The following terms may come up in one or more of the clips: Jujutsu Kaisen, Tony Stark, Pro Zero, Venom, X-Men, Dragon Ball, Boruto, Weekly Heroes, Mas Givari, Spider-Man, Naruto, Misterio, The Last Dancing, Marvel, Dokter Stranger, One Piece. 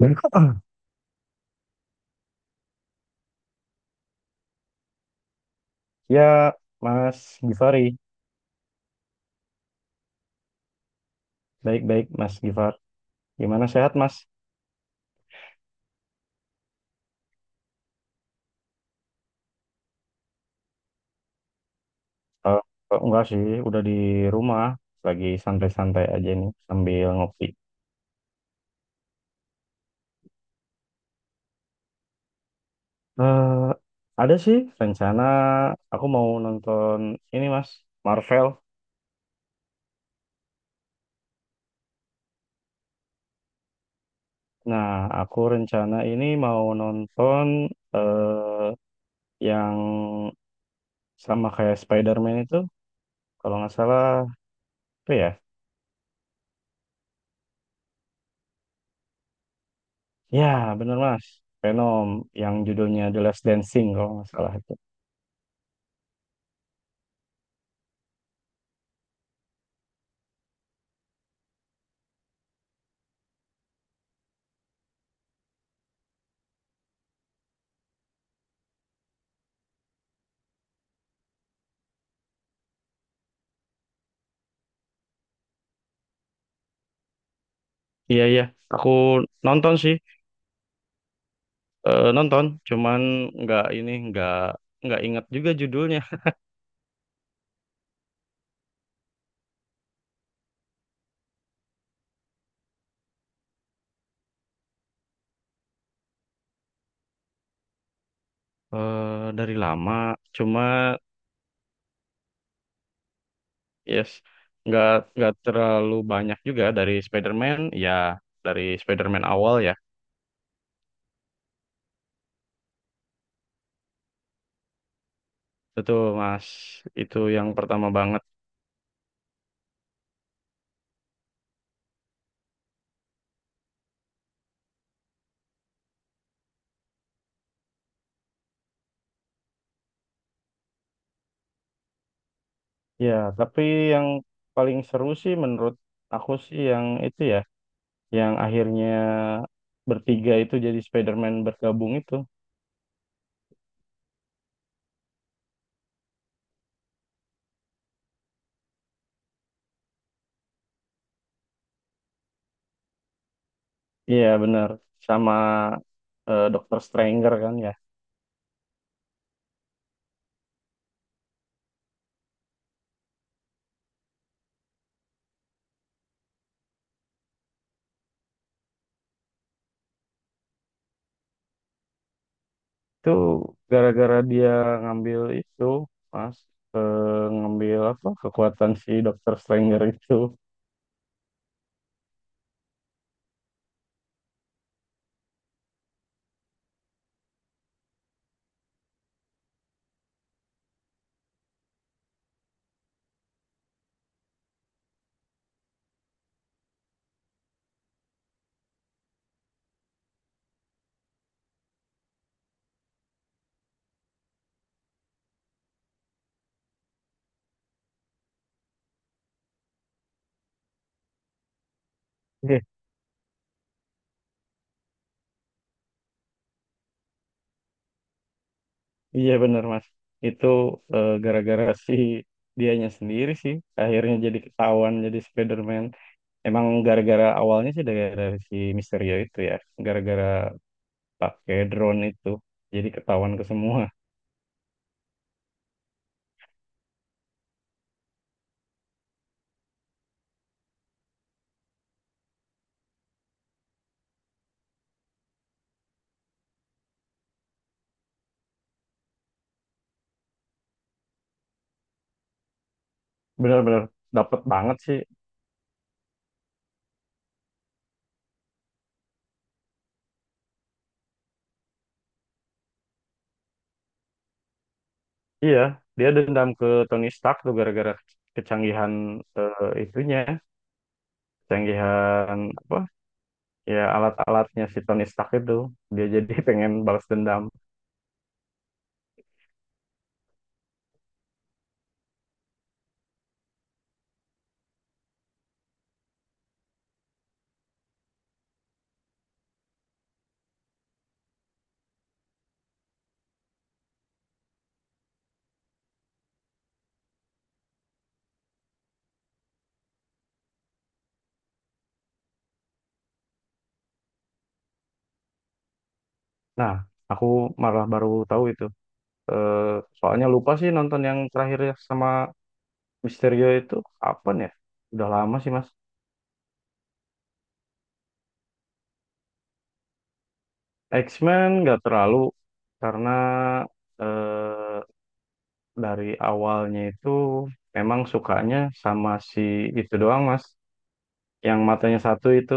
Ya, Mas Givari. Baik-baik, Mas Givar. Gimana sehat, Mas? Eh, enggak sih, udah di rumah. Lagi santai-santai aja nih, sambil ngopi. eh ada sih rencana aku mau nonton ini, Mas. Marvel. Nah, aku rencana ini mau nonton eh yang sama kayak Spider-Man itu. Kalau nggak salah, apa ya? Ya, bener, Mas. Venom, yang judulnya The Last Dancing, kalau nggak salah. Iya iya, aku nonton sih. Nonton, cuman nggak ini nggak ingat juga judulnya. Eh, dari lama. Cuma yes nggak nggak terlalu banyak juga dari Spider-Man, ya dari Spider-Man awal ya. Betul Mas, itu yang pertama banget. Ya, tapi yang paling seru sih menurut aku sih yang itu ya, yang akhirnya bertiga itu jadi Spider-Man bergabung itu. Iya benar, sama Dokter Stranger kan ya. Itu gara-gara dia ngambil itu Mas, eh, ngambil apa kekuatan si Dokter Stranger itu. Iya. Iya, benar Mas. Itu gara-gara si dianya sendiri sih akhirnya jadi ketahuan jadi Spider-Man. Emang gara-gara awalnya sih dari si Misterio itu ya. Gara-gara pakai drone itu jadi ketahuan ke semua. Benar-benar dapet banget sih. Iya, dia dendam ke Tony Stark tuh gara-gara kecanggihan itunya, kecanggihan apa? Ya alat-alatnya si Tony Stark itu. Dia jadi pengen balas dendam. Nah, aku malah baru tahu itu. Eh, Soalnya lupa sih nonton yang terakhir ya sama Misterio itu, kapan ya? Udah lama sih, Mas. X-Men nggak terlalu, karena eh, dari awalnya itu memang sukanya sama si itu doang, Mas. Yang matanya satu itu.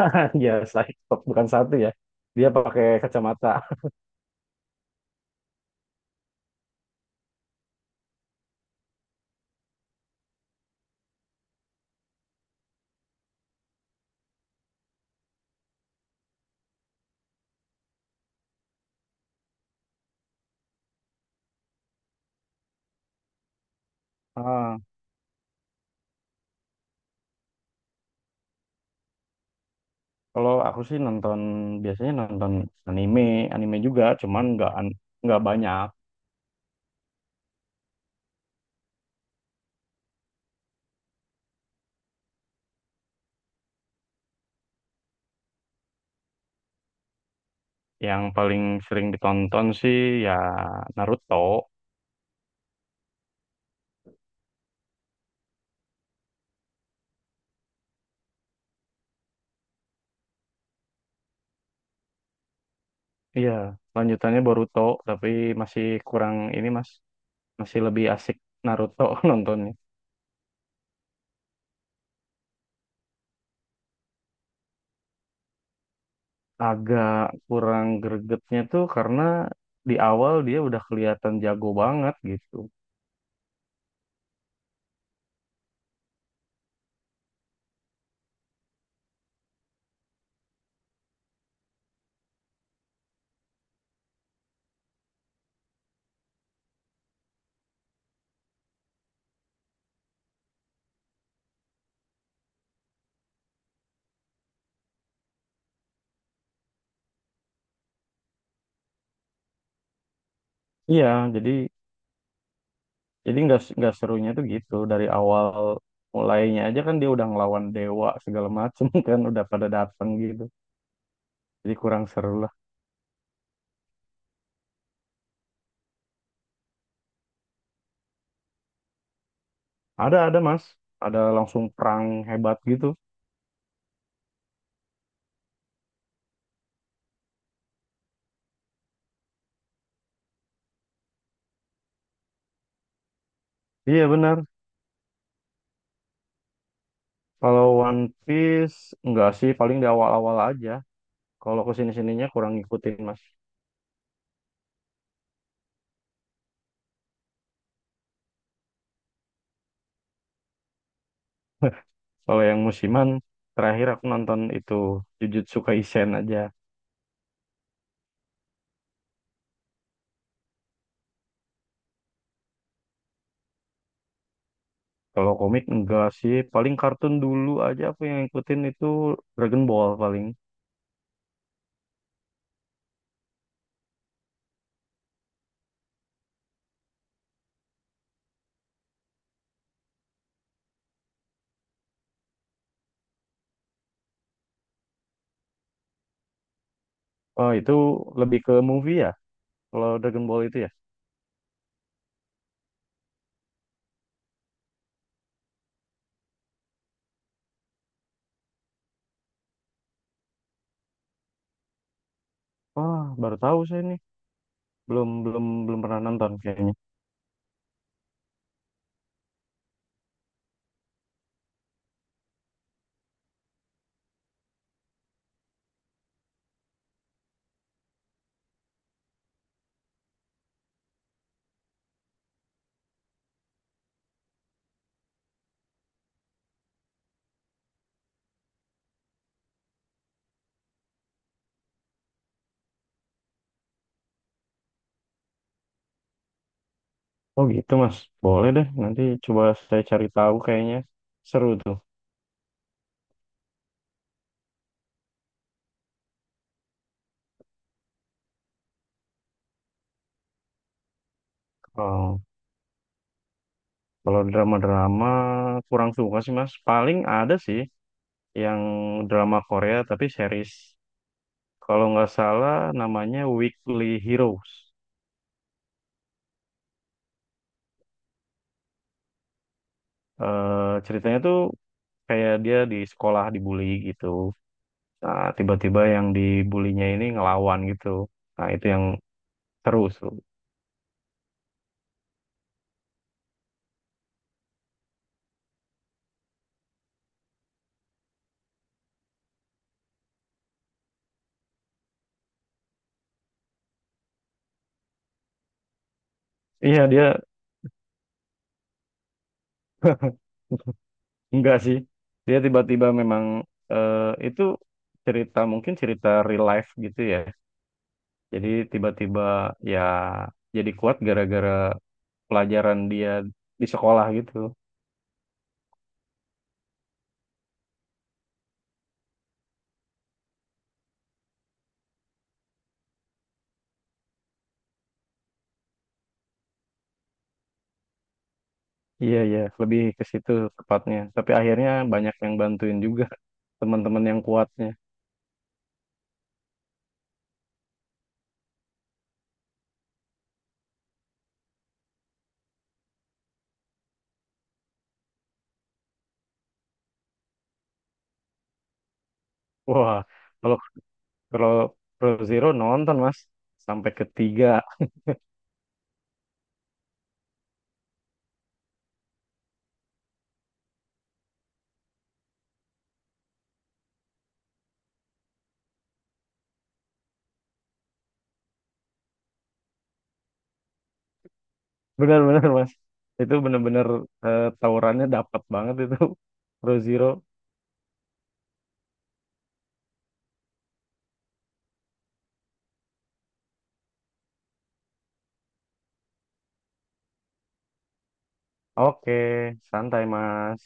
Ya stop, bukan satu ya, dia pakai kacamata. ah Kalau aku sih nonton, biasanya nonton anime. Anime juga cuman nggak nggak banyak. Yang paling sering ditonton sih ya Naruto. Iya, lanjutannya Boruto, tapi masih kurang ini mas, masih lebih asik Naruto nontonnya. Agak kurang gregetnya tuh karena di awal dia udah kelihatan jago banget gitu. Iya, jadi Jadi nggak, serunya tuh gitu dari awal mulainya aja kan dia udah ngelawan dewa segala macem kan udah pada dateng gitu. Jadi kurang seru lah. Ada Mas, ada langsung perang hebat gitu. Iya benar. Kalau One Piece enggak sih, paling di awal-awal aja. Kalau ke sini-sininya kurang ngikutin Mas. Kalau yang musiman, terakhir aku nonton itu Jujutsu Kaisen aja. Kalau komik enggak sih, paling kartun dulu aja aku yang ngikutin itu Dragon Ball paling. Oh, itu lebih ke movie ya? Kalau Dragon Ball itu ya? Wah, baru tahu saya nih. Belum, belum, belum pernah nonton kayaknya. Oh gitu Mas. Boleh deh. Nanti coba saya cari tahu, kayaknya seru tuh. Kalau kalau drama-drama kurang suka sih Mas. Paling ada sih yang drama Korea tapi series. Kalau nggak salah namanya Weekly Heroes. Eh, ceritanya tuh kayak dia di sekolah dibully gitu. Nah, tiba-tiba yang dibulinya ini ngelawan gitu. Nah, itu yang seru, seru. Iya, dia enggak sih. Dia tiba-tiba memang eh, itu cerita, mungkin cerita real life gitu ya. Jadi tiba-tiba ya jadi kuat gara-gara pelajaran dia di sekolah gitu. Iya, iya, lebih ke situ tepatnya. Tapi akhirnya banyak yang bantuin juga, teman-teman yang kuatnya. Wah, kalau kalau Pro Zero nonton, Mas, sampai ketiga. Benar-benar mas, itu benar-benar tawurannya dapat banget itu. Pro Zero. Oke, santai mas.